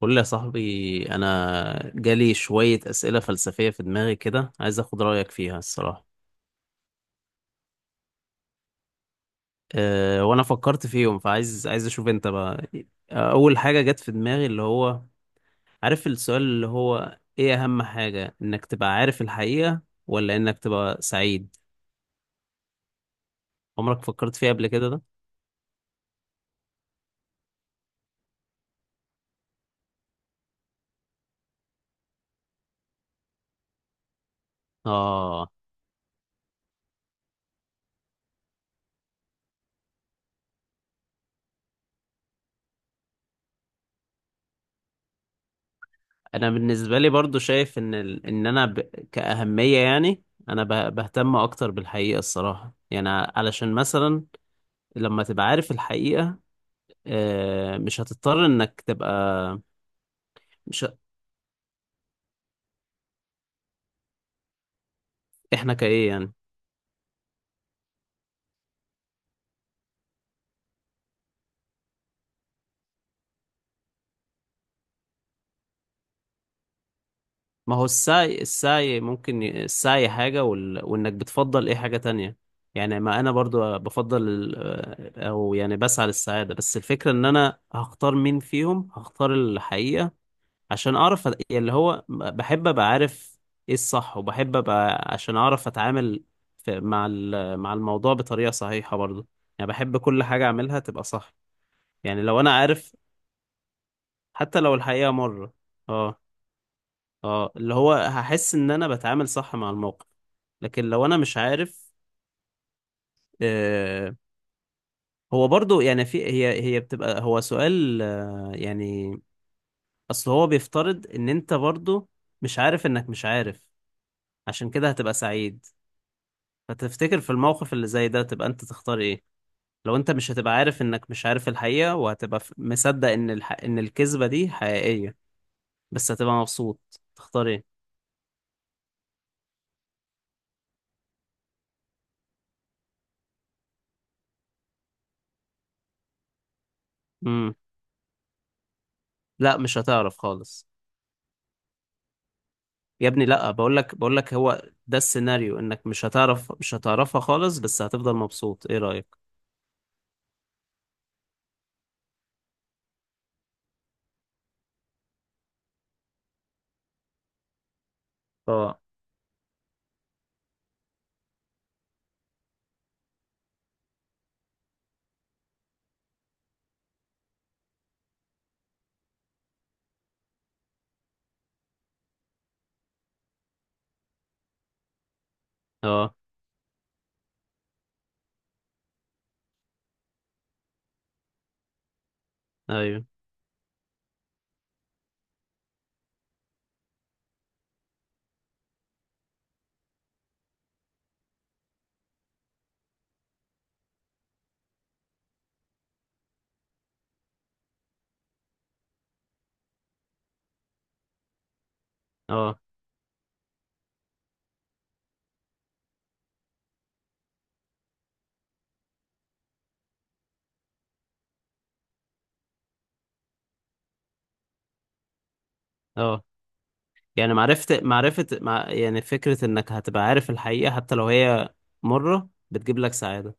قول لي يا صاحبي، انا جالي شوية أسئلة فلسفية في دماغي كده، عايز اخد رأيك فيها الصراحة. وانا فكرت فيهم، فعايز اشوف انت بقى. اول حاجة جت في دماغي اللي هو، عارف السؤال اللي هو ايه؟ اهم حاجة انك تبقى عارف الحقيقة، ولا انك تبقى سعيد؟ عمرك فكرت فيها قبل كده ده؟ اه، انا بالنسبة لي برضو شايف ان ال... ان انا ب... كأهمية يعني، انا بهتم اكتر بالحقيقة الصراحة، يعني علشان مثلا لما تبقى عارف الحقيقة، مش هتضطر انك تبقى. مش ه- احنا كايه يعني؟ ما هو السعي، السعي حاجة وانك بتفضل ايه حاجة تانية. يعني ما انا برضو بفضل ال- آه، او يعني بسعى للسعادة، بس الفكرة ان انا هختار مين فيهم. هختار الحقيقة عشان يعني اللي هو بحب ابقى عارف ايه الصح، وبحب ابقى عشان اعرف اتعامل مع الموضوع بطريقة صحيحة برضو. يعني بحب كل حاجة اعملها تبقى صح. يعني لو انا عارف حتى لو الحقيقة مرة. اه. اه، اللي هو هحس ان انا بتعامل صح مع الموقف، لكن لو انا مش عارف. آه هو برضو يعني في، هي بتبقى هو سؤال يعني. اصل هو بيفترض ان انت برضو مش عارف انك مش عارف، عشان كده هتبقى سعيد. فتفتكر في الموقف اللي زي ده تبقى انت تختار ايه؟ لو انت مش هتبقى عارف انك مش عارف الحقيقة، وهتبقى مصدق ان ان الكذبة دي حقيقية، بس هتبقى مبسوط، تختار ايه؟ امم لا، مش هتعرف خالص. يا ابني لا، بقول لك هو ده السيناريو، انك مش هتعرف، مش هتعرفها خالص، بس هتفضل مبسوط، ايه رأيك؟ اه. اه. ايوه. اه. اه يعني، معرفة يعني فكرة انك هتبقى عارف الحقيقة حتى لو هي مرة بتجيب لك سعادة.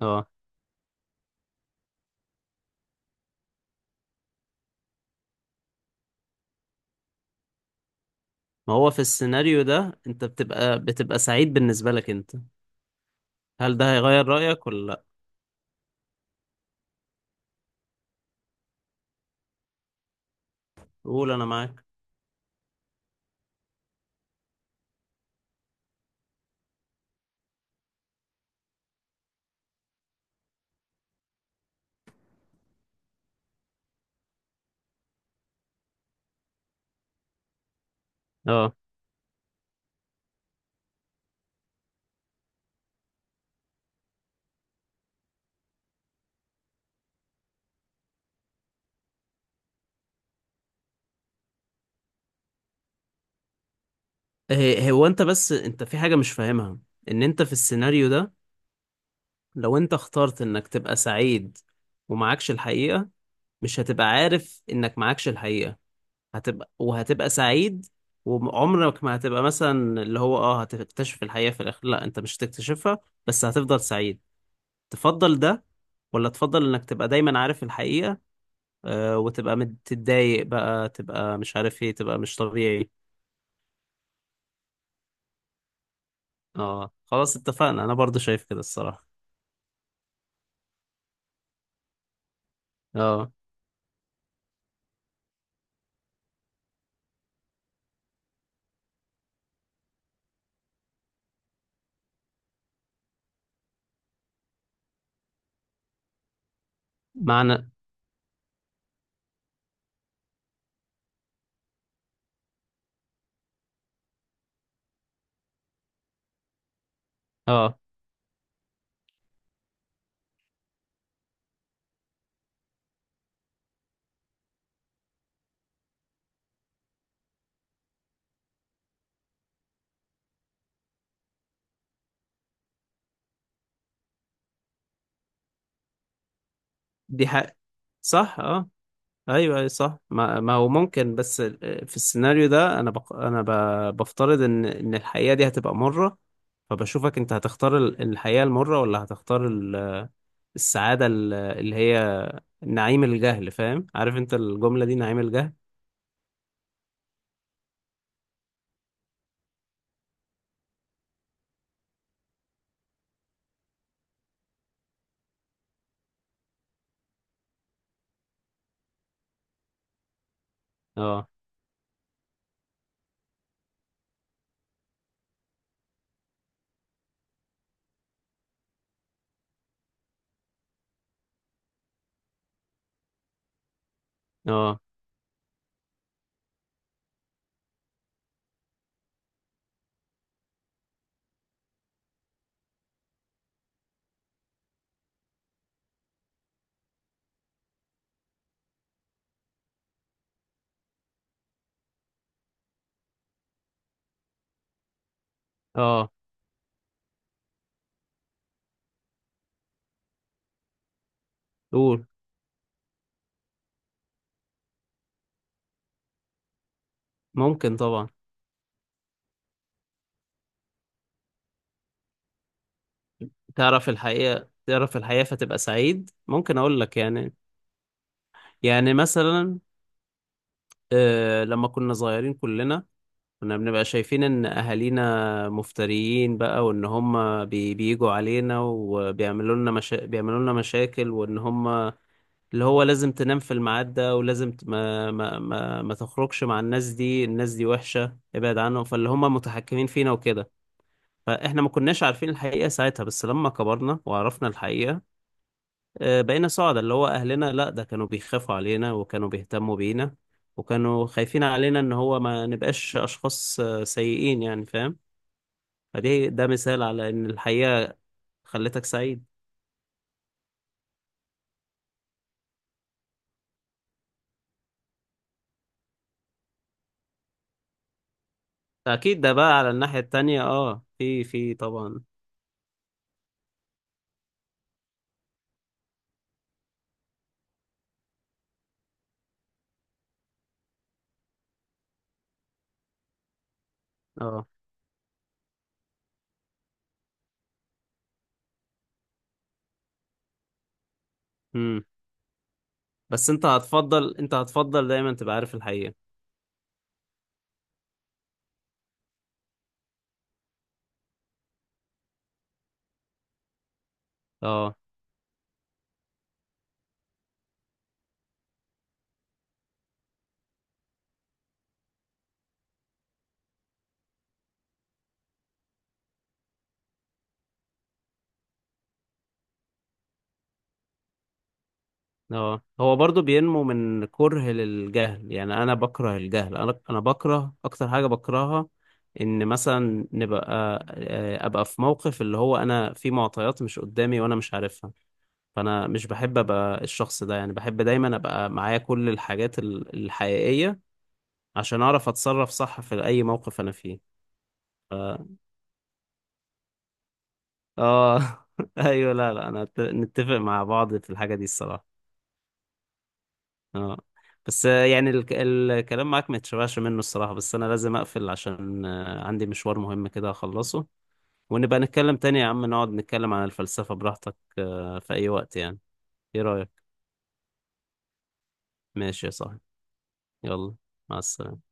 اه ما هو في السيناريو ده انت بتبقى سعيد بالنسبة لك انت، هل ده هيغير رأيك ولا لا؟ قول انا معاك. اه، هو انت، بس انت في حاجة مش فاهمها، ان انت في السيناريو ده لو انت اخترت انك تبقى سعيد ومعكش الحقيقة، مش هتبقى عارف انك معكش الحقيقة، هتبقى سعيد، وعمرك ما هتبقى مثلا اللي هو اه هتكتشف الحقيقة في الاخر، لا انت مش هتكتشفها، بس هتفضل سعيد. تفضل ده ولا تفضل انك تبقى دايما عارف الحقيقة، وتبقى متضايق بقى، تبقى مش عارف ايه، تبقى مش طبيعي؟ اه خلاص، اتفقنا، انا برضو شايف كده الصراحة. اه. معنى. اه. دي حق، صح. اه، ايوه ايوه صح. ما هو ممكن، بس في السيناريو ده انا بفترض ان ان الحقيقه دي هتبقى مره، فبشوفك انت هتختار الحقيقه المره، ولا هتختار السعاده اللي هي نعيم الجهل. فاهم؟ عارف انت الجمله دي نعيم الجهل؟ اه. اه. اه. قول. ممكن طبعا. تعرف الحقيقه فتبقى سعيد. ممكن اقول لك يعني، يعني مثلا، آه لما كنا صغيرين كلنا، كنا بنبقى شايفين ان اهالينا مفتريين بقى، وان هم بيجوا علينا وبيعملوا لنا بيعملوا لنا مشاكل، وان هم اللي هو لازم تنام في الميعاد ده، ولازم ت... ما... ما ما ما تخرجش مع الناس دي، الناس دي وحشة ابعد عنهم، فاللي هم متحكمين فينا وكده. فاحنا ما كناش عارفين الحقيقة ساعتها، بس لما كبرنا وعرفنا الحقيقة، بقينا سعداء. اللي هو اهلنا، لا ده كانوا بيخافوا علينا، وكانوا بيهتموا بينا، وكانوا خايفين علينا ان هو ما نبقاش اشخاص سيئين يعني، فاهم؟ فدي ده مثال على ان الحقيقة خلتك سعيد. اكيد ده بقى على الناحية التانية اه، في طبعا. اه. امم بس انت هتفضل، انت هتفضل دايما تبقى عارف الحقيقة. اه. اه هو برضو بينمو من كره للجهل. يعني انا بكره الجهل، انا بكره اكتر حاجة بكرهها، ان مثلا نبقى، ابقى في موقف اللي هو انا في معطيات مش قدامي وانا مش عارفها. فانا مش بحب ابقى الشخص ده، يعني بحب دايما ابقى معايا كل الحاجات الحقيقية عشان اعرف اتصرف صح في اي موقف انا فيه. ف... اه. ايوه، لا لا انا نتفق مع بعض في الحاجه دي الصراحه. اه. بس يعني الكلام معاك ما يتشبعش منه الصراحه، بس انا لازم اقفل عشان عندي مشوار مهم كده اخلصه. ونبقى نتكلم تاني يا عم، نقعد نتكلم عن الفلسفه براحتك في اي وقت يعني. ايه رايك؟ ماشي يا صاحبي. يلا. مع السلامه.